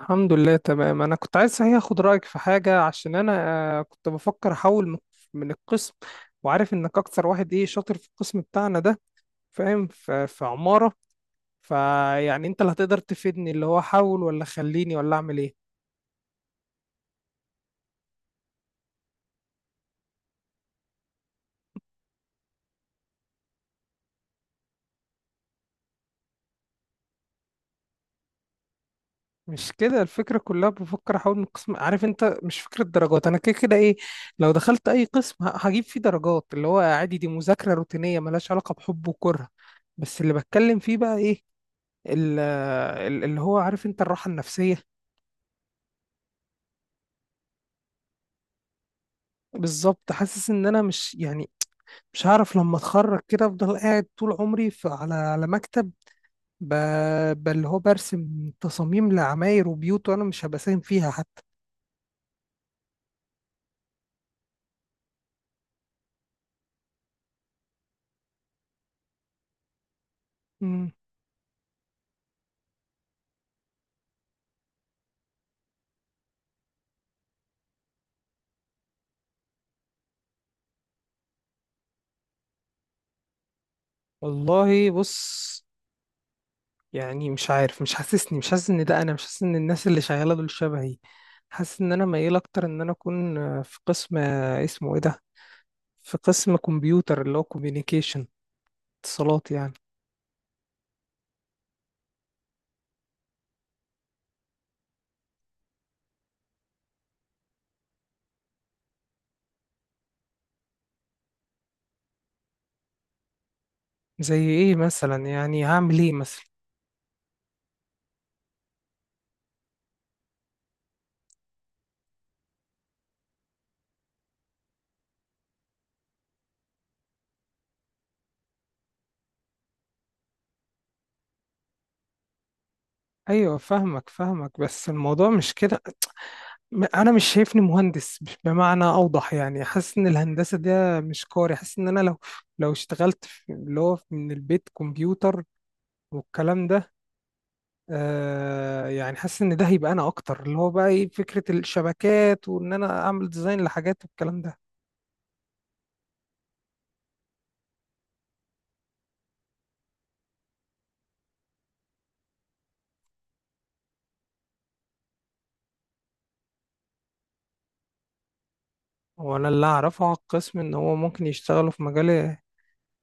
الحمد لله تمام. انا كنت عايز صحيح اخد رايك في حاجه عشان انا كنت بفكر احول من القسم. وعارف انك اكتر واحد ايه شاطر في القسم بتاعنا ده، فاهم، في عماره. فيعني انت اللي هتقدر تفيدني، اللي هو احول ولا خليني ولا اعمل ايه؟ مش كده الفكره كلها، بفكر احول من القسم. عارف انت مش فكره درجات، انا كده كده ايه، لو دخلت اي قسم هجيب فيه درجات، اللي هو عادي، دي مذاكره روتينيه ملهاش علاقه بحب وكره. بس اللي بتكلم فيه بقى ايه، اللي هو عارف انت الراحة النفسية. بالظبط، حاسس ان انا مش يعني، مش هعرف لما اتخرج كده افضل قاعد طول عمري في على على مكتب ب... اللي هو برسم تصاميم لعماير وبيوت وانا مش هبقى ساهم فيها حتى. مم. والله بص، يعني مش عارف، مش حاسسني، مش حاسس ان ده انا، مش حاسس ان الناس اللي شغالة دول شبهي. حاسس ان انا ميال اكتر ان انا اكون في قسم، اسمه ايه ده، في قسم كمبيوتر اللي هو كوميونيكيشن، اتصالات يعني. زي ايه مثلا؟ يعني هعمل ايه مثلا؟ ايوه فاهمك فاهمك، بس الموضوع مش كده. انا مش شايفني مهندس، مش بمعنى اوضح يعني، حاسس ان الهندسه ده مش كاري. حاسس ان انا لو اشتغلت في اللي هو من البيت كمبيوتر والكلام ده، آه يعني حاسس ان ده هيبقى انا اكتر، اللي هو بقى ايه، فكره الشبكات وان انا اعمل ديزاين لحاجات والكلام ده. وانا اللي اعرفه على القسم ان هو ممكن يشتغلوا في مجال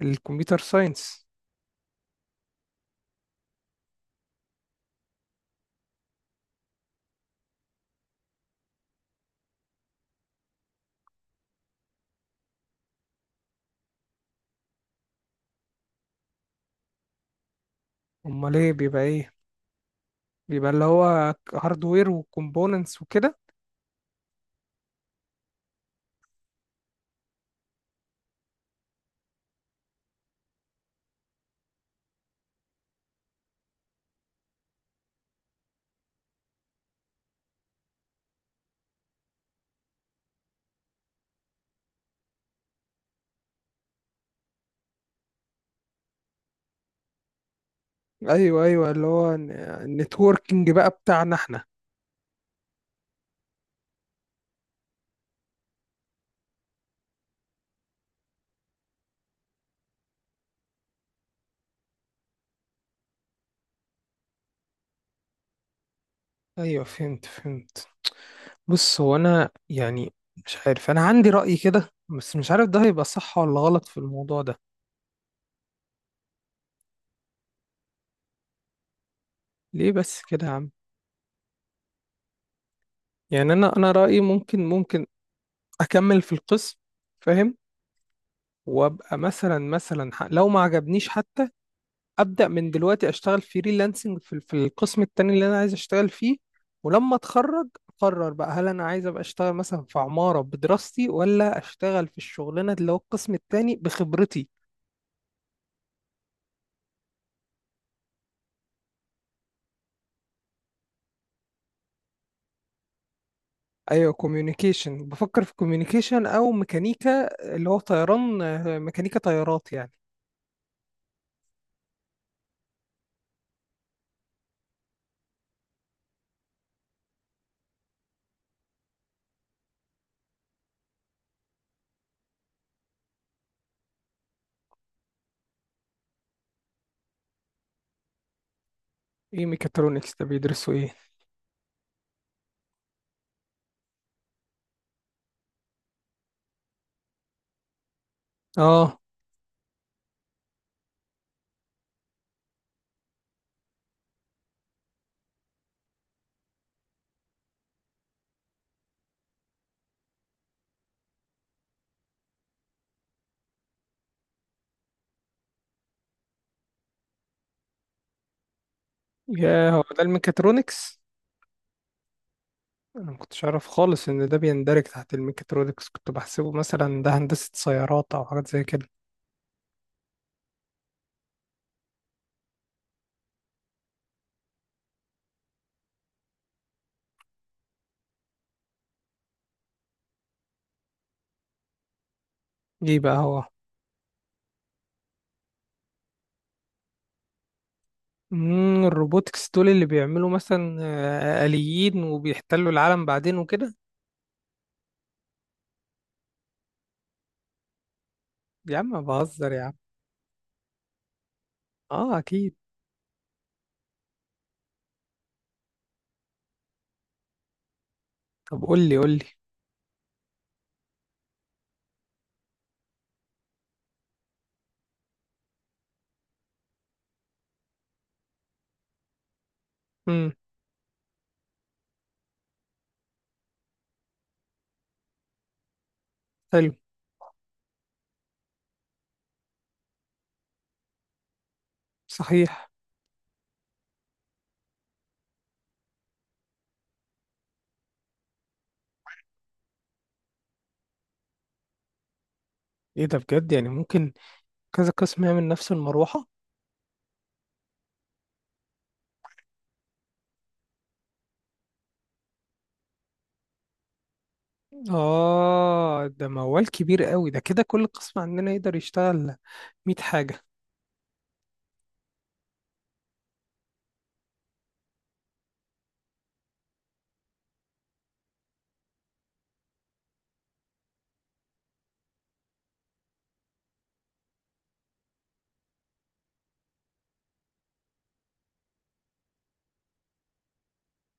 الكمبيوتر ساينس. امال ايه بيبقى ايه؟ بيبقى اللي هو هاردوير وكومبوننتس وكده؟ ايوه ايوه، اللي هو النتوركينج بقى بتاعنا احنا. ايوه فهمت فهمت. بص هو انا يعني، مش عارف، انا عندي رأي كده بس مش عارف ده هيبقى صح ولا غلط في الموضوع ده. ليه بس كده يا عم؟ يعني انا رأيي ممكن، ممكن اكمل في القسم، فاهم، وابقى مثلا مثلا لو ما عجبنيش حتى ابدا من دلوقتي اشتغل فريلانسنج في القسم التاني اللي انا عايز اشتغل فيه، ولما اتخرج اقرر بقى هل انا عايز ابقى اشتغل مثلا في عمارة بدراستي ولا اشتغل في الشغلانة اللي هو القسم التاني بخبرتي. ايوه كوميونيكيشن، بفكر في كوميونيكيشن او ميكانيكا، اللي هو طيران، ميكانيكا طيارات يعني. ايه ميكاترونكس ده؟ بيدرسوا ايه؟ اه، يا هو ده الميكاترونكس؟ انا ما كنتش اعرف خالص ان ده بيندرج تحت الميكاترونكس، كنت بحسبه مثلا ده هندسة سيارات او حاجات زي كده. ايه بقى هو؟ امم، الروبوتكس دول اللي بيعملوا مثلا آليين وبيحتلوا العالم بعدين وكده؟ يا عم بهزر يا عم. اه اكيد. طب قول لي قول لي. امم. حلو. صحيح. ايه ده بجد؟ يعني ممكن كذا قسم يعمل نفس المروحة؟ اه ده موال كبير قوي ده، كده كل قسم عندنا يقدر يشتغل 100 حاجة.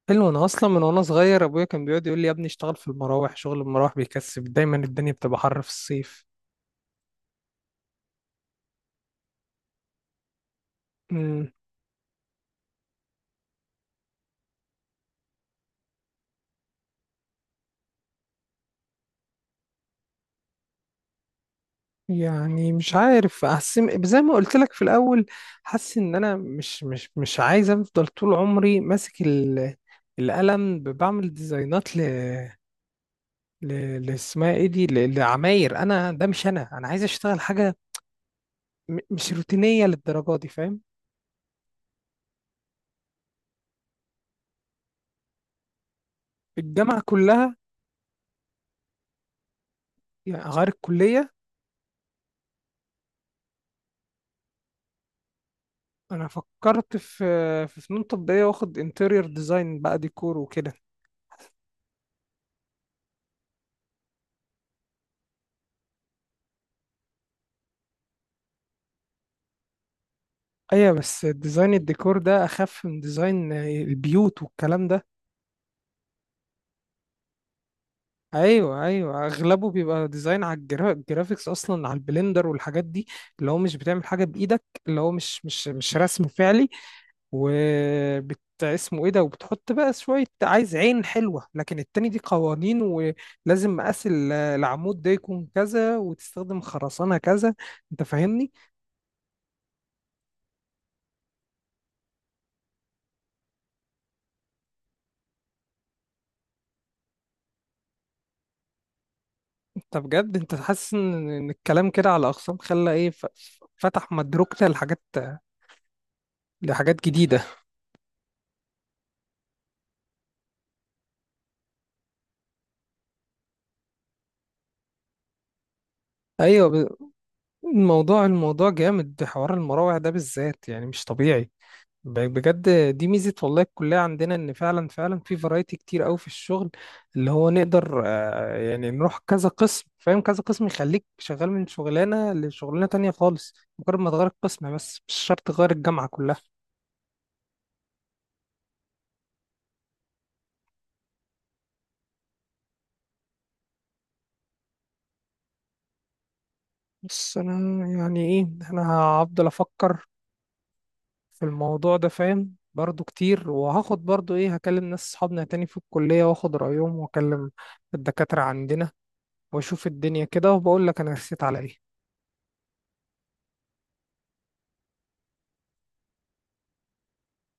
حلو. انا اصلا من وانا صغير ابويا كان بيقعد يقول لي يا ابني اشتغل في المراوح، شغل المراوح بيكسب دايما، الدنيا بتبقى حر في الصيف. يعني مش عارف، احس زي ما قلت لك في الاول، حاسس ان انا مش عايز افضل طول عمري ماسك القلم بعمل ديزاينات ل لاسمها ايه دي، لعماير. انا ده مش انا، انا عايز اشتغل حاجه مش روتينيه للدرجه دي، فاهم. الجامعه كلها يعني، غير الكليه. انا فكرت في في فنون تطبيقيه، واخد انتيريور ديزاين بقى، ديكور وكده. ايوه بس ديزاين الديكور ده اخف من ديزاين البيوت والكلام ده. ايوه ايوه، اغلبه بيبقى ديزاين على الجرافيكس، اصلا على البلندر والحاجات دي، اللي هو مش بتعمل حاجه بايدك، اللي هو مش رسم فعلي، وبت اسمه ايه ده، وبتحط بقى شويه عايز عين حلوه. لكن التاني دي قوانين، ولازم مقاس العمود ده يكون كذا وتستخدم خرسانه كذا، انت فاهمني. انت بجد انت حاسس ان إن الكلام كده على اقسام خلى ايه، فتح مدركنا لحاجات، لحاجات جديده. ايوه. الموضوع جامد، حوار المراوح ده بالذات يعني مش طبيعي، بجد. دي ميزة والله الكلية عندنا، ان فعلا فعلا في فرايتي كتير قوي في الشغل، اللي هو نقدر يعني نروح كذا قسم، فاهم، كذا قسم يخليك شغال من شغلانة لشغلانة تانية خالص، مجرد ما تغير القسم بس مش شرط تغير الجامعة كلها. بس انا يعني ايه، انا هفضل افكر في الموضوع ده، فاهم، برضو كتير، وهاخد برضو ايه، هكلم ناس صحابنا تاني في الكلية واخد رأيهم، واكلم الدكاترة عندنا، واشوف الدنيا كده، وبقول لك انا رسيت على ايه.